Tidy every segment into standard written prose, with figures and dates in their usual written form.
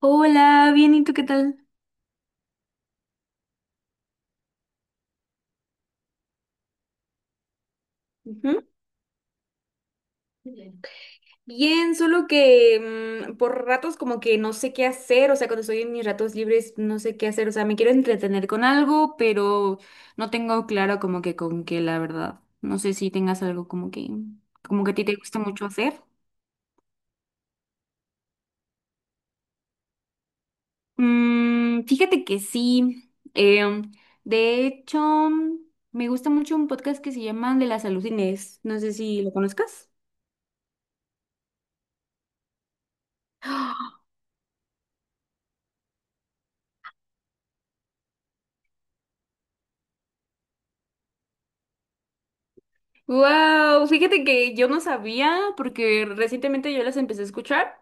Hola, bien, ¿y tú qué tal? Ujú. Bien, bien, solo que por ratos como que no sé qué hacer, o sea, cuando estoy en mis ratos libres no sé qué hacer, o sea, me quiero entretener con algo, pero no tengo claro como que con qué, la verdad. No sé si tengas algo como que a ti te gusta mucho hacer. Fíjate que sí. De hecho, me gusta mucho un podcast que se llama De la Salud Inés. No sé si lo conozcas. Wow, fíjate que yo no sabía, porque recientemente yo las empecé a escuchar.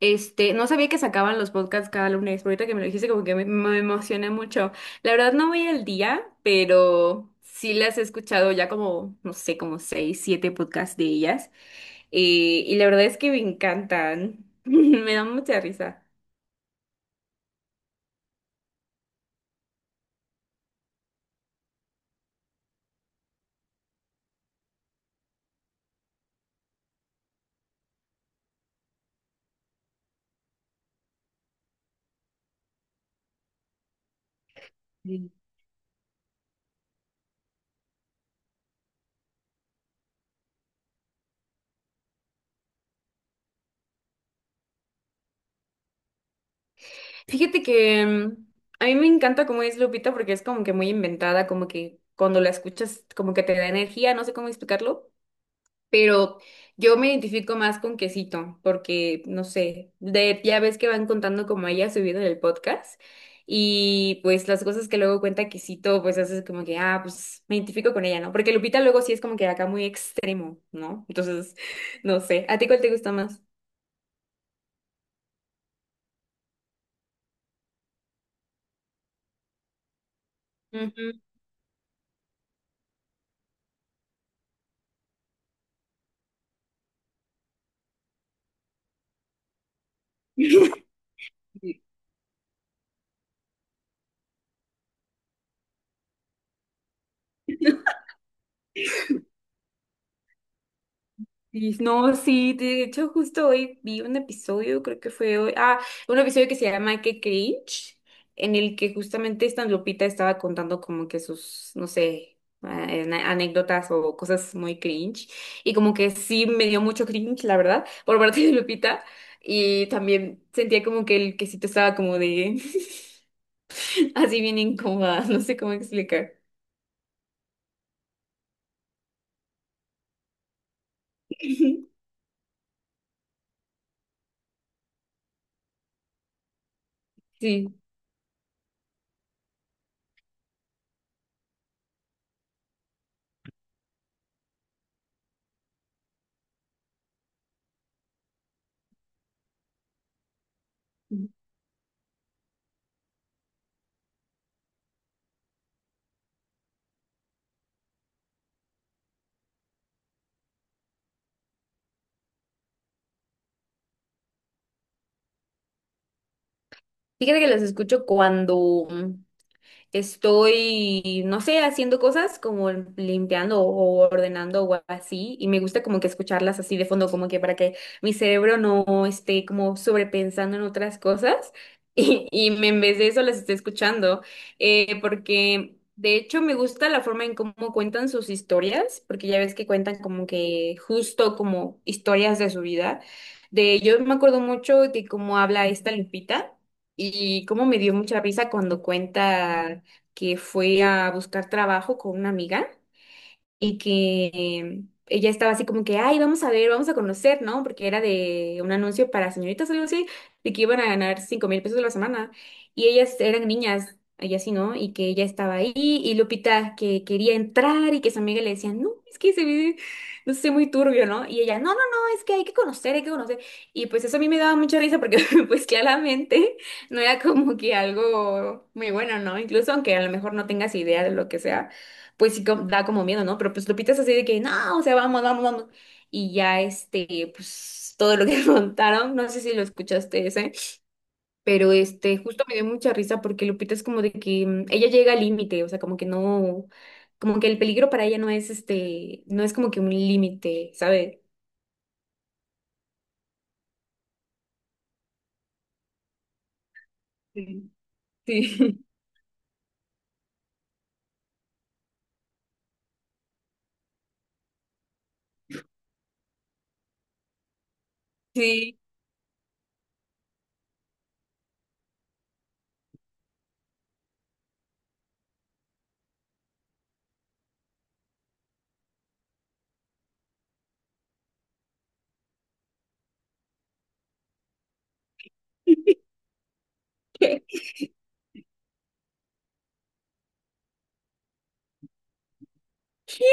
Este, no sabía que sacaban los podcasts cada lunes, pero ahorita que me lo dijiste, como que me emocioné mucho. La verdad no voy al día, pero sí las he escuchado ya como, no sé, como seis, siete podcasts de ellas. Y la verdad es que me encantan. Me dan mucha risa. Sí. Fíjate que a mí me encanta cómo es Lupita porque es como que muy inventada, como que cuando la escuchas como que te da energía, no sé cómo explicarlo. Pero yo me identifico más con Quesito, porque no sé, de, ya ves que van contando como ella subido en el podcast, y pues las cosas que luego cuenta Quesito, pues haces como que, ah, pues me identifico con ella, ¿no? Porque Lupita luego sí es como que acá muy extremo, ¿no? Entonces, no sé, ¿a ti cuál te gusta más? Ujú. Y no, sí, de hecho justo hoy vi un episodio, creo que fue hoy, ah, un episodio que se llama Que Cringe, en el que justamente esta Lupita estaba contando como que sus, no sé, anécdotas o cosas muy cringe, y como que sí me dio mucho cringe, la verdad, por parte de Lupita, y también sentía como que el quesito estaba como de, así bien incómoda, no sé cómo explicar. Sí, fíjate que los escucho cuando... estoy, no sé, haciendo cosas como limpiando o ordenando o así, y me gusta como que escucharlas así de fondo, como que para que mi cerebro no esté como sobrepensando en otras cosas, y en vez de eso las esté escuchando, porque... De hecho, me gusta la forma en cómo cuentan sus historias, porque ya ves que cuentan como que justo como historias de su vida. De yo me acuerdo mucho de cómo habla esta Lupita, y cómo me dio mucha risa cuando cuenta que fue a buscar trabajo con una amiga y que ella estaba así como que, ay, vamos a ver, vamos a conocer, ¿no? Porque era de un anuncio para señoritas, algo así, de que iban a ganar 5,000 pesos a la semana. Y ellas eran niñas, ella sí, ¿no? Y que ella estaba ahí y Lupita que quería entrar y que su amiga le decía, no, es que se ve, no sé, muy turbio, ¿no? Y ella, no, no, no, es que hay que conocer, hay que conocer. Y pues eso a mí me daba mucha risa porque pues claramente no era como que algo muy bueno, ¿no? Incluso aunque a lo mejor no tengas idea de lo que sea pues sí da como miedo, ¿no? Pero pues Lupita es así de que, no, o sea, vamos, vamos, vamos. Y ya este, pues todo lo que contaron, no sé si lo escuchaste ese, pero este, justo me dio mucha risa porque Lupita es como de que ella llega al límite, o sea, como que no, como que el peligro para ella no es este, no es como que un límite, ¿sabes? Sí. Sí. Sí.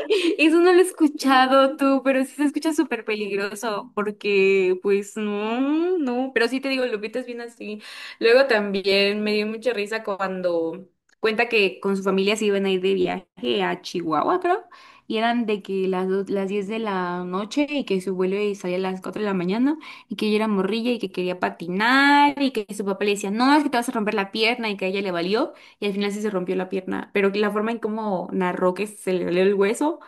Eso no lo he escuchado tú, pero sí se escucha súper peligroso, porque pues no, no, pero sí te digo, Lupita es bien así. Luego también me dio mucha risa cuando cuenta que con su familia se iban a ir de viaje a Chihuahua, creo, y eran de que las, do- las 10 de la noche y que su vuelo y salía a las 4 de la mañana y que ella era morrilla y que quería patinar y que su papá le decía, no, es que te vas a romper la pierna y que a ella le valió y al final sí se rompió la pierna, pero la forma en cómo narró que se le valió el hueso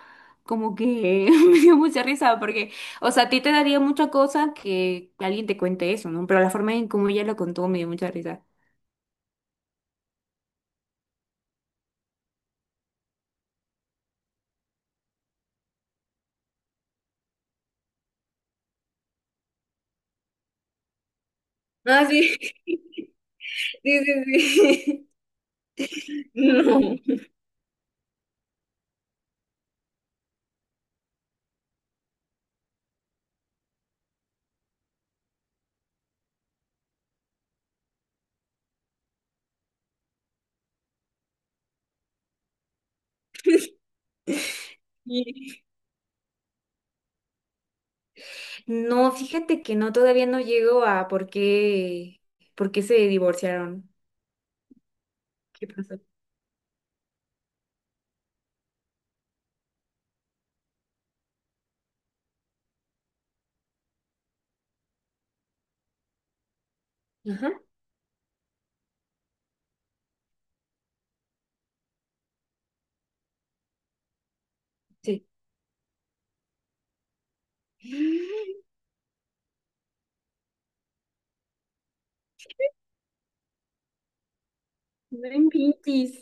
como que me dio mucha risa porque, o sea, a ti te daría mucha cosa que alguien te cuente eso, ¿no? Pero la forma en cómo ella lo contó me dio mucha risa. Ah, sí, sí, sí, sí. No. Y- No, fíjate que no, todavía no llego a por qué se divorciaron. ¿Qué pasó? Ajá. Sí. No inventes.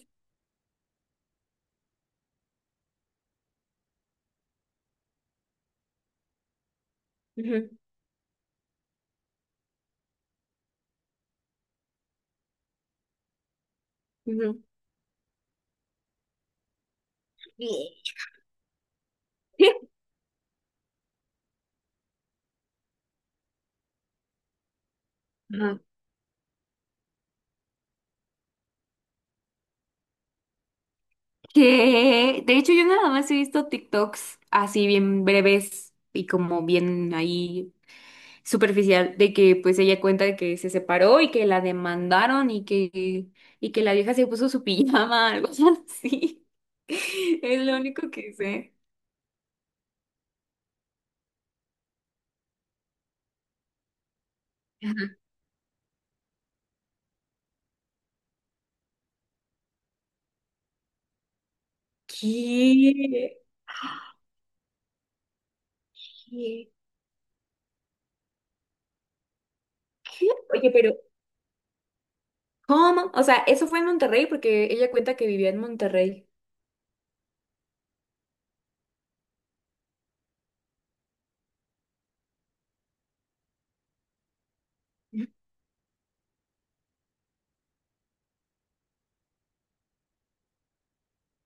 Ujú, ujú. Bien. Que de hecho yo nada más he visto TikToks así bien breves y como bien ahí superficial de que pues ella cuenta de que se separó y que la demandaron y que la vieja se puso su pijama, algo así. Es lo único que sé. Ajá. ¿Qué? ¿Qué? ¿Qué? Oye, pero ¿cómo? O sea, eso fue en Monterrey porque ella cuenta que vivía en Monterrey.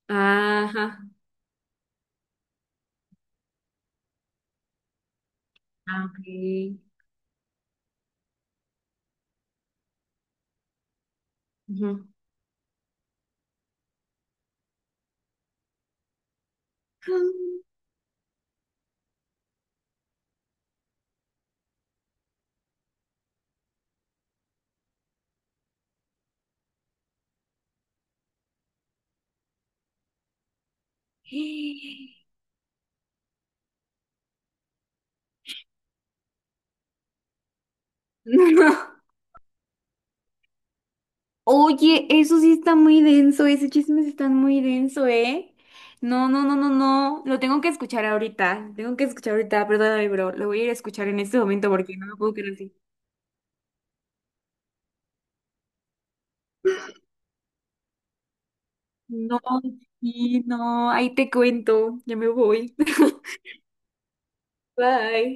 Ajá. Ah, ok. Ujú. Ah. No, oye, eso sí está muy denso, ese chisme sí está muy denso, ¿eh? No, no, no, no, no, lo tengo que escuchar ahorita, lo tengo que escuchar ahorita, perdóname, bro, lo voy a ir a escuchar en este momento porque no me puedo quedar así. No, sí, no, ahí te cuento, ya me voy. Bye.